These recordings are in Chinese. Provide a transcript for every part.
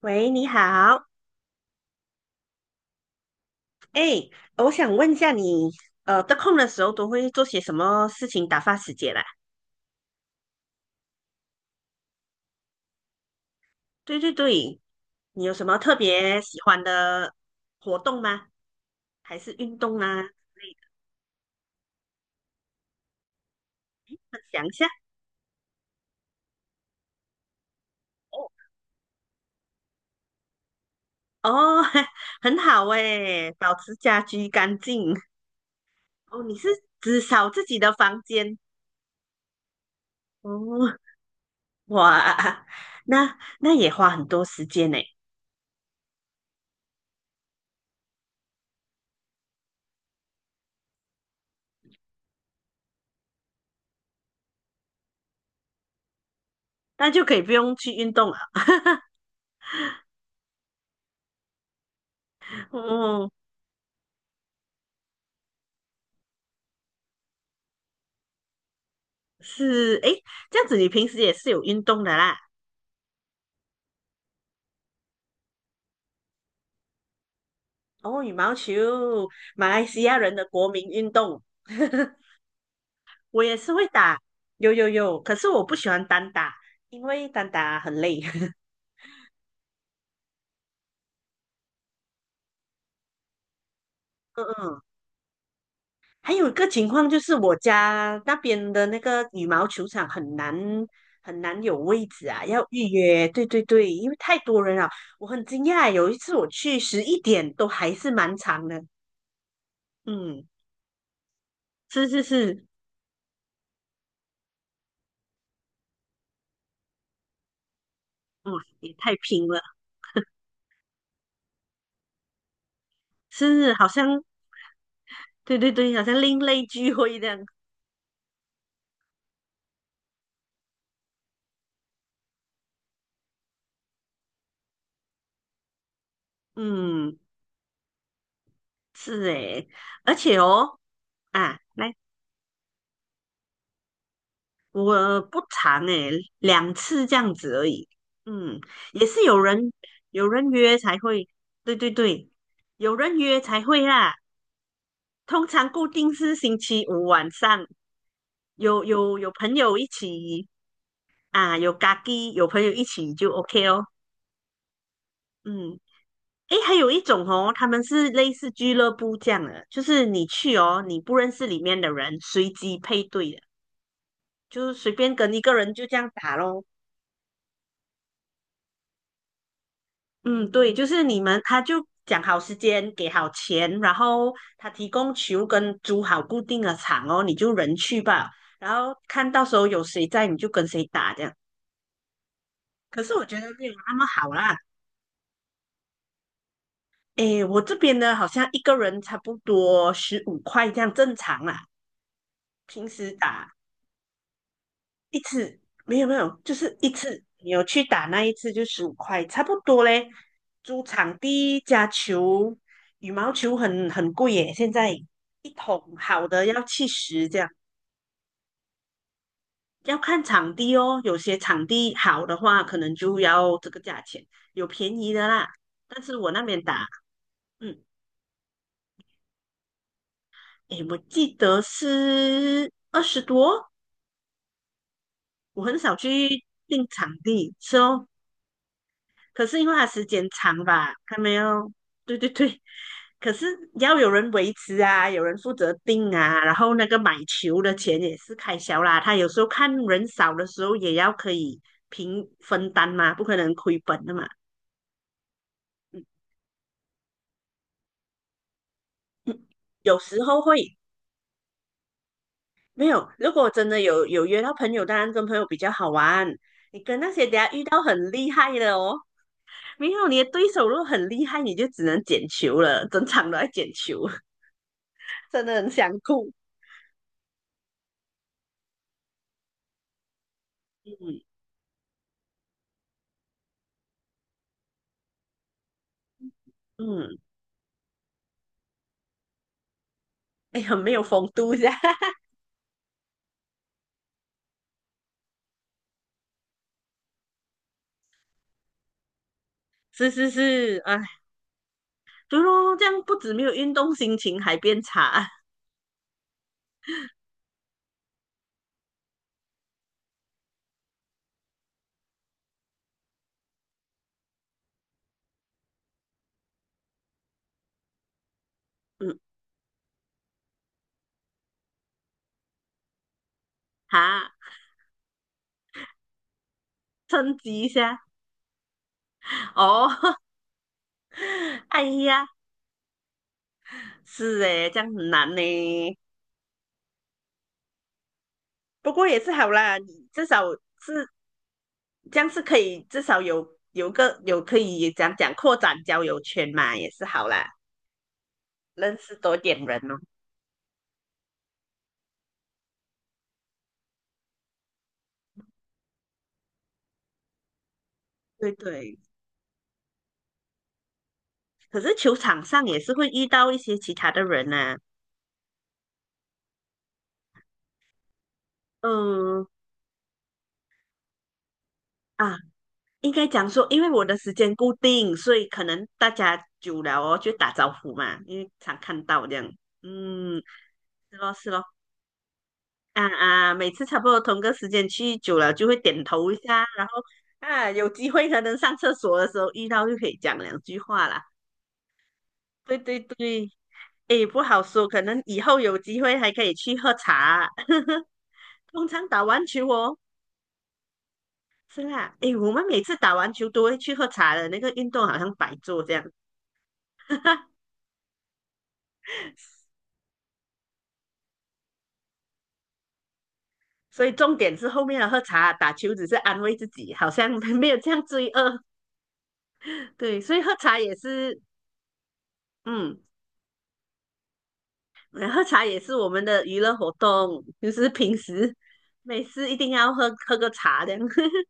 喂，你好，哎，我想问一下你，得空的时候都会做些什么事情打发时间啦？对对对，你有什么特别喜欢的活动吗？还是运动啊之类的？分享一下哦，哦，很好哎，保持家居干净。哦，你是只扫自己的房间哦，哇，那也花很多时间呢，那就可以不用去运动了。哦，是，诶，这样子你平时也是有运动的啦。哦，羽毛球，马来西亚人的国民运动。我也是会打，有有有，可是我不喜欢单打，因为单打很累。嗯嗯，还有一个情况就是我家那边的那个羽毛球场很难很难有位置啊，要预约。对对对，因为太多人了，我很惊讶。有一次我去11点都还是蛮长的。嗯，是是是，哇，也太拼了。是好像对对对，好像另类聚会这样。嗯，是诶，而且哦，啊，来，我不长诶，两次这样子而已。嗯，也是有人约才会，对对对，有人约才会啦。通常固定是星期五晚上，有朋友一起啊，有咖喱，有朋友一起就 OK 哦。嗯。诶，还有一种哦，他们是类似俱乐部这样的，就是你去哦，你不认识里面的人，随机配对的，就是随便跟一个人就这样打咯。嗯，对，就是你们，他就讲好时间，给好钱，然后他提供球跟租好固定的场哦，你就人去吧，然后看到时候有谁在，你就跟谁打这样。可是我觉得没有那么好啦，诶，我这边呢，好像一个人差不多十五块这样正常啦，平时打。一次没有没有，就是一次你有去打那一次就十五块，差不多嘞。租场地加球，羽毛球很贵耶，现在一桶好的要70这样，要看场地哦。有些场地好的话，可能就要这个价钱，有便宜的啦。但是我那边打，嗯，诶，我记得是20多，我很少去订场地，是哦，可是因为它时间长吧，还没有，对对对，可是要有人维持啊，有人负责订啊，然后那个买球的钱也是开销啦。他有时候看人少的时候也要可以平分担嘛，不可能亏本的嘛。嗯嗯，有时候会没有，如果真的有约到朋友，当然跟朋友比较好玩。你跟那些等下遇到很厉害的哦，没有你的对手如果很厉害，你就只能捡球了，整场都在捡球，真的很想哭。嗯。嗯，哎，很没有风度噻，是是是，哎，对咯，这样不止没有运动，心情还变差，嗯，哈，趁机一下，哦，哎呀，是诶，这样很难呢，不过也是好啦，你至少是这样是可以，至少有个可以讲讲扩展交友圈嘛，也是好啦，认识多点人哦，对对，可是球场上也是会遇到一些其他的人呐、嗯。啊，应该讲说，因为我的时间固定，所以可能大家久了哦，就打招呼嘛，因为常看到这样。嗯，是咯是咯，每次差不多同个时间去久了，就会点头一下，然后啊，有机会可能上厕所的时候遇到就可以讲两句话啦。对对对，诶，不好说，可能以后有机会还可以去喝茶。通常打完球哦，是啦，诶，我们每次打完球都会去喝茶的，那个运动好像白做这样。所以重点是后面的喝茶打球只是安慰自己，好像 没有这样罪恶。对，所以喝茶也是，嗯，喝茶也是我们的娱乐活动，就是平时每次一定要喝喝个茶这样，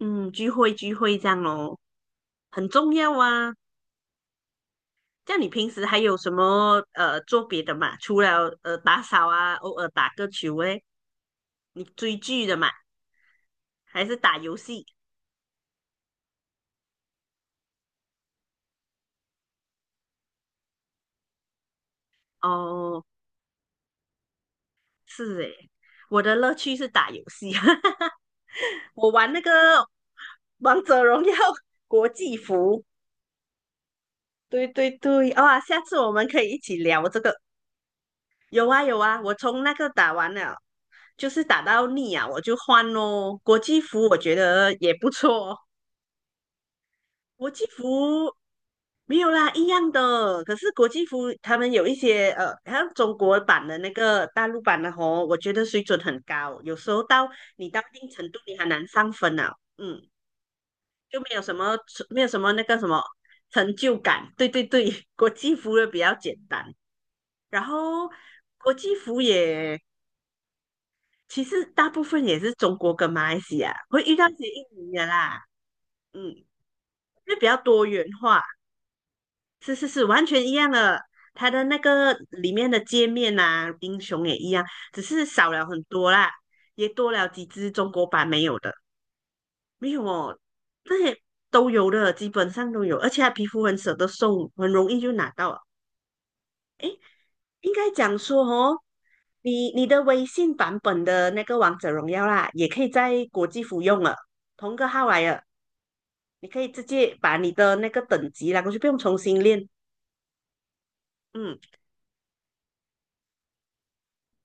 嗯，聚会聚会这样咯，很重要啊。这样你平时还有什么做别的嘛？除了打扫啊，偶尔打个球诶，你追剧的嘛，还是打游戏？哦，是诶，我的乐趣是打游戏。我玩那个王者荣耀国际服，对对对，哇，下次我们可以一起聊这个。有啊有啊，我从那个打完了，就是打到腻啊，我就换咯。国际服我觉得也不错哦，国际服没有啦，一样的。可是国际服他们有一些好像中国版的那个大陆版的吼，我觉得水准很高，有时候到你到一定程度你很难上分啊。嗯，就没有什么那个什么成就感。对对对，国际服也比较简单，然后国际服也其实大部分也是中国跟马来西亚会遇到一些印尼的啦，嗯，就比较多元化。是是是，完全一样的。它的那个里面的界面啊，英雄也一样，只是少了很多啦，也多了几只中国版没有的。没有哦，那些都有的，基本上都有，而且它皮肤很舍得送，很容易就拿到了。应该讲说哦，你的微信版本的那个王者荣耀啦，也可以在国际服用了，同个号来了，你可以直接把你的那个等级啦，过去不用重新练。嗯，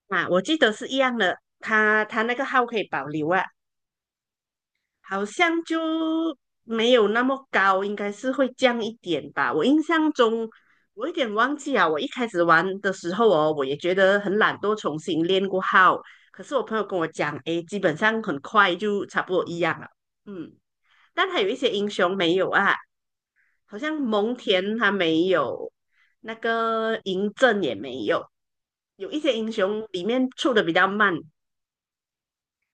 啊，我记得是一样的，他那个号可以保留啊，好像就没有那么高，应该是会降一点吧。我印象中，我有点忘记啊。我一开始玩的时候哦，我也觉得很懒惰，重新练过号。可是我朋友跟我讲，诶，基本上很快就差不多一样了。嗯，但还有一些英雄没有啊，好像蒙恬他没有，那个嬴政也没有，有一些英雄里面出的比较慢，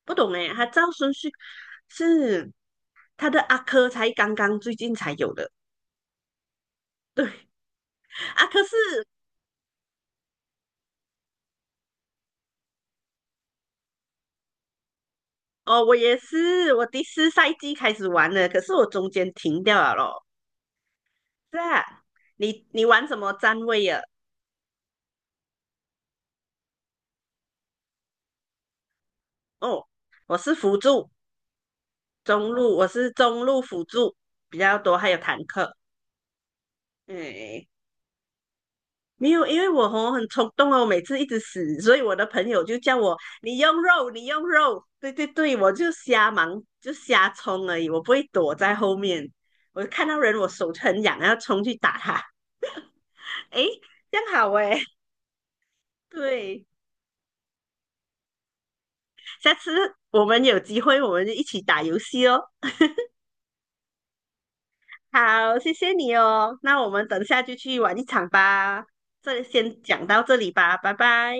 不懂诶，他照顺序是。他的阿珂才刚刚最近才有的。对，阿珂是哦，我也是，我第四赛季开始玩的，可是我中间停掉了咯。是啊，你玩什么站位呀？哦，我是辅助中路，我是中路辅助比较多，还有坦克。嗯，没有，因为我吼很冲动哦，我每次一直死，所以我的朋友就叫我你用肉，你用肉，对对对，我就瞎忙，就瞎冲而已，我不会躲在后面，我看到人我手就很痒，要后冲去打他，诶，这样好诶，对，下次我们有机会我们就一起打游戏哦。好，谢谢你哦，那我们等下就去玩一场吧，这先讲到这里吧，拜拜。